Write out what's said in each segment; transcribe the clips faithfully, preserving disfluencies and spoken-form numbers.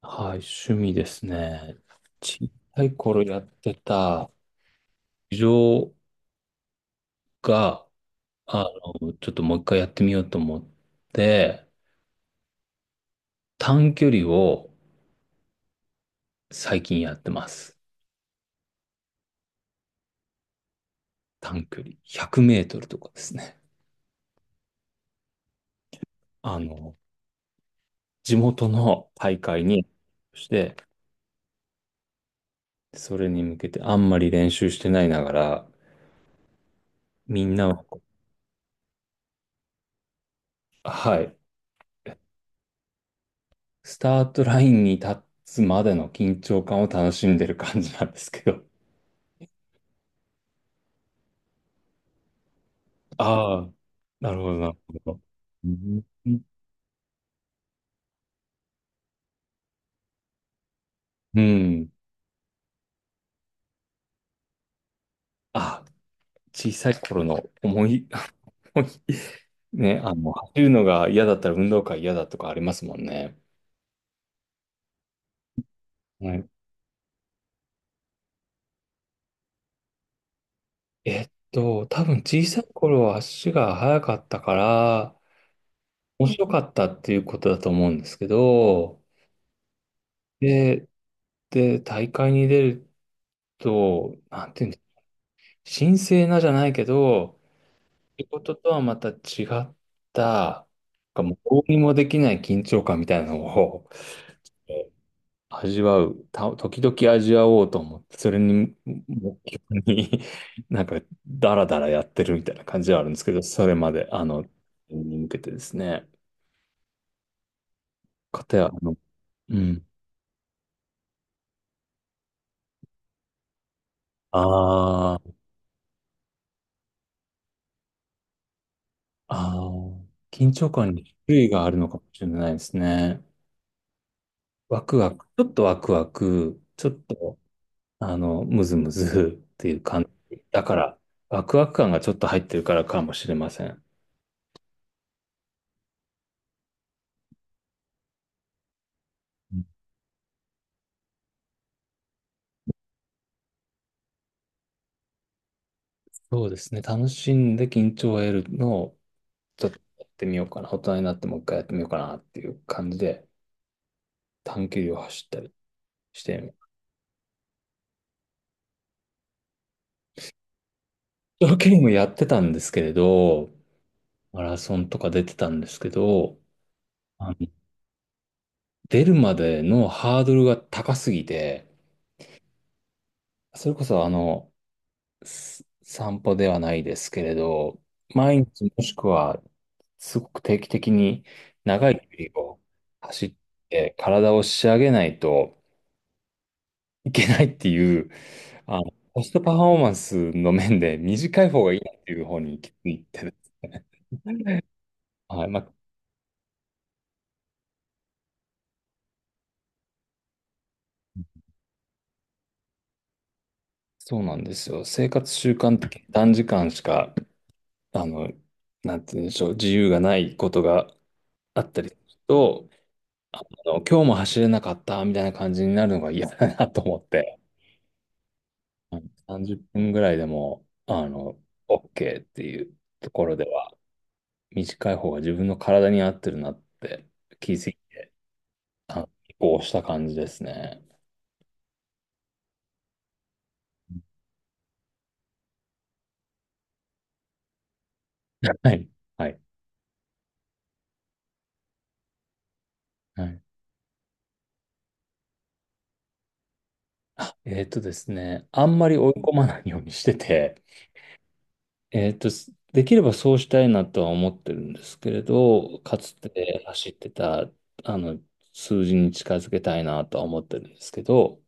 はい、趣味ですね。小さい頃やってた陸上が、あの、ちょっともう一回やってみようと思って、短距離を最近やってます。短距離。ひゃくメートルとかですね。あの、地元の大会に、して、それに向けてあんまり練習してないながら、みんなは、はい、スタートラインに立つまでの緊張感を楽しんでる感じなんですけど。ああ、なるほど、なるほど。うん。うん、あ、小さい頃の思い、思いね、あの、走るのが嫌だったら運動会嫌だとかありますもんね。はい。えっと、多分小さい頃は足が速かったから、面白かったっていうことだと思うんですけど、で、で、大会に出ると、なんていうんですか、神聖なじゃないけど、仕事とはまた違った、なんかもうどうにもできない緊張感みたいなのをえー味わう、た、時々味わおうと思って、それに目標に なんかダラダラやってるみたいな感じはあるんですけど、それまで、あの、に向けてですね。かたや、あの、うん。あー、あー、緊張感に種類があるのかもしれないですね。ワクワク、ちょっとワクワク、ちょっとあの、ムズムズっていう感じ。だから、ワクワク感がちょっと入ってるからかもしれません。うん、そうですね。楽しんで緊張を得るのをちょっとやってみようかな。大人になってもう一回やってみようかなっていう感じで短距離を走ったりしてみる。長距離もやってたんですけれど、マラソンとか出てたんですけど、あの、出るまでのハードルが高すぎて、それこそあの、す散歩ではないですけれど、毎日もしくは、すごく定期的に長い距離を走って体を仕上げないといけないっていう、あの、コストパフォーマンスの面で短い方がいいなっていう方に気づいてですね。はい、まあ、そうなんですよ。生活習慣的に短時間しか、あの、なんて言うんでしょう、自由がないことがあったりすると、あの今日も走れなかったみたいな感じになるのが嫌だなと思って、うん、さんじゅっぷんぐらいでも、あの、OK っていうところでは、短い方が自分の体に合ってるなって気づいた、こうした感じですね。はい。はい。はい。えっとですね、あんまり追い込まないようにしてて、えっと、できればそうしたいなとは思ってるんですけれど、かつて走ってた、あの、数字に近づけたいなとは思ってるんですけど、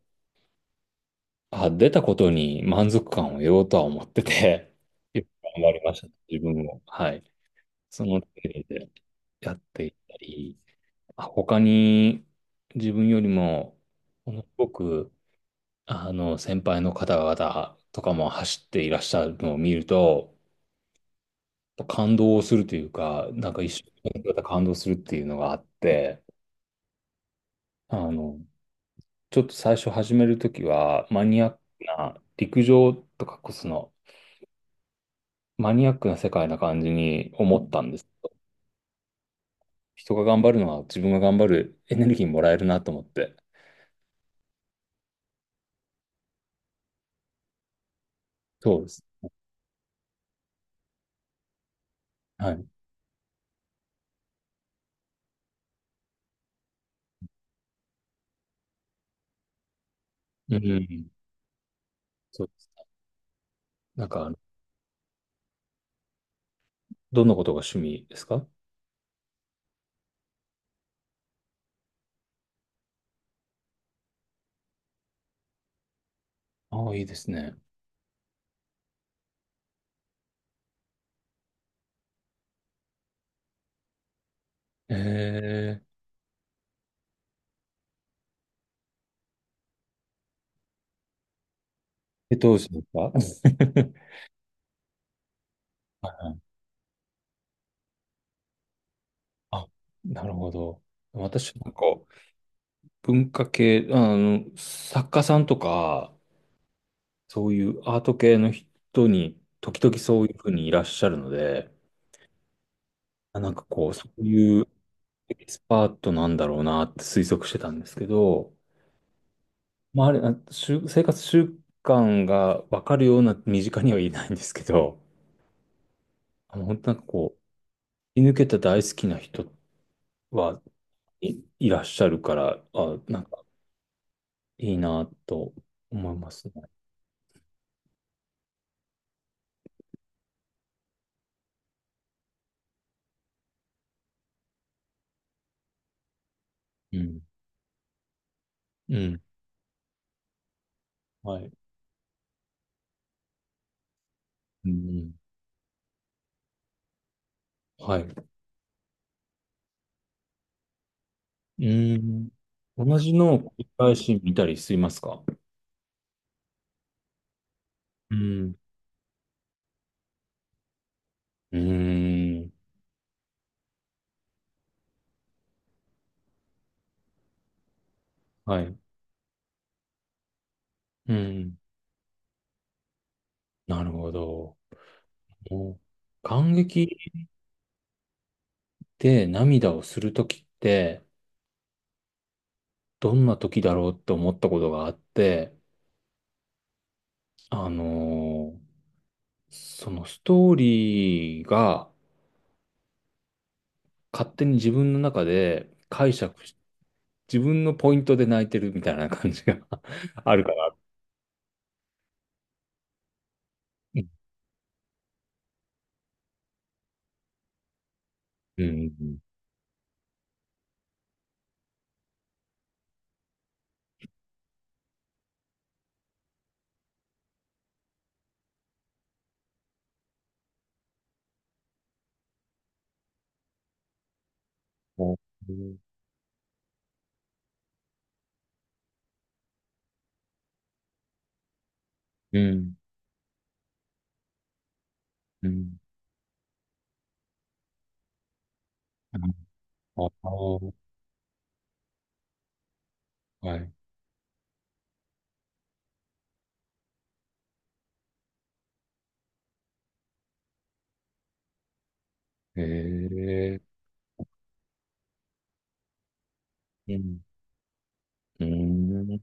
あ、出たことに満足感を得ようとは思ってて、よく頑張りました、自分も。はい。その程度でやっていったり、あ、他に自分よりも、ものすごく、あの、先輩の方々とかも走っていらっしゃるのを見ると、感動するというか、なんか一緒にやった感動するっていうのがあって、あの、ちょっと最初始めるときは、マニアックな陸上とか、その、マニアックな世界な感じに思ったんです。人が頑張るのは自分が頑張るエネルギーもらえるなと思って。そうです。はい。うん。そうです。なんか、どんなことが趣味ですか？ああ、いいですね。えええ、どうしますか？ はいはい、あ、なるほど。私なんか、文化系、あの、作家さんとか、そういうアート系の人に、時々そういうふうにいらっしゃるので、あ、なんかこう、そういうエキスパートなんだろうなって推測してたんですけど、まあ、あれ、あ習生活習慣がわかるような身近にはいないんですけど、あの、本当なんかこう、居抜けた大好きな人はいいらっしゃるから、あ、なんかいいなと思いますね。うん。うん。はい。うん。はい。うん。同じのを繰り返し見たりしますか？うん。うーん。はい。うん。なるほど。もう、感激で、涙をするときって、どんなときだろうって思ったことがあって、あのーそのストーリーが勝手に自分の中で解釈し、自分のポイントで泣いてるみたいな感じが あるから。うん。うん。うん。うん。ああー、はい。へえ。うん。うん。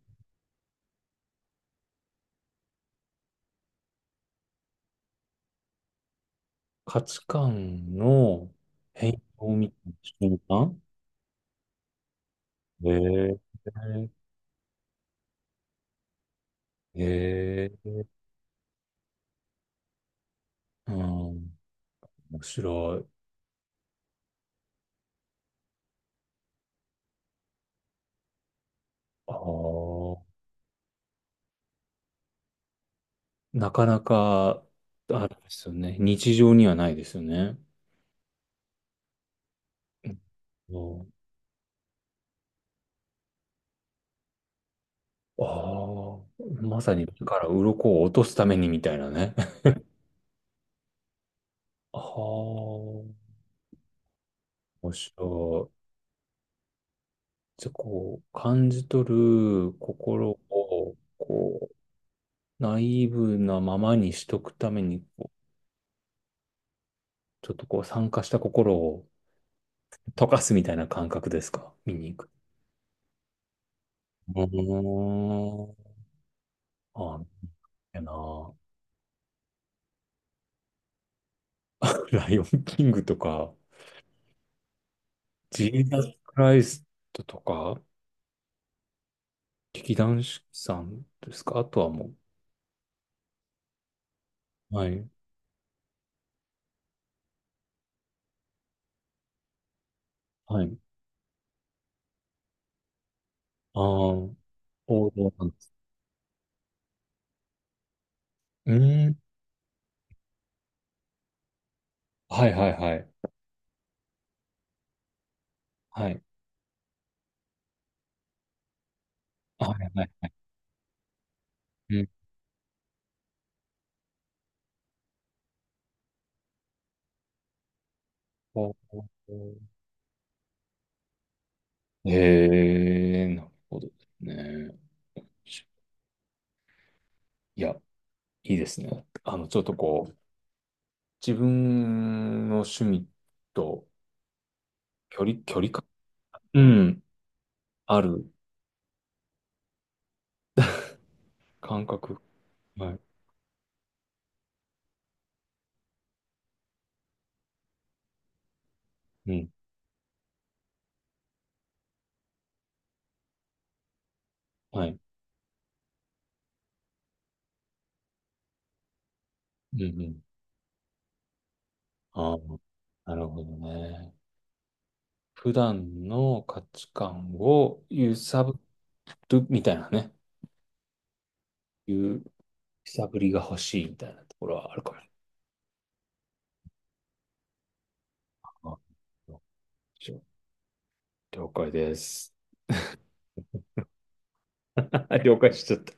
価値観の変容みたいな瞬間。へえ。ええ、うん、面白い。ああ、なかなか、あれですよね。日常にはないですよね。うん、ああ、まさに目から鱗を落とすためにみたいなね。ああ、面白い。じゃあ、こう、感じ取る心を、こう、ナイーブなままにしとくために、こうちょっとこう、酸化した心を溶かすみたいな感覚ですか？見に行く。うーん、ああ、やな。ライオンキングとか、ジーザスクライストとか、劇団四季さんですか？あとはもう。はい。はい。ああ、王道なんです。うーん。はいはいはい。はい。はいはいはい。うん、ほうほうほう、へえ、なるほどですね。いや、いいですね。あの、ちょっとこう、自分の趣味と距離、距離感、うん、ある感覚。はい。うん、はい。うんうん。ああ、なるほどね。普段の価値観を揺さぶるみたいなね。揺さぶりが欲しいみたいなところはあるかもしれない。あ、了解です。了解しちゃった。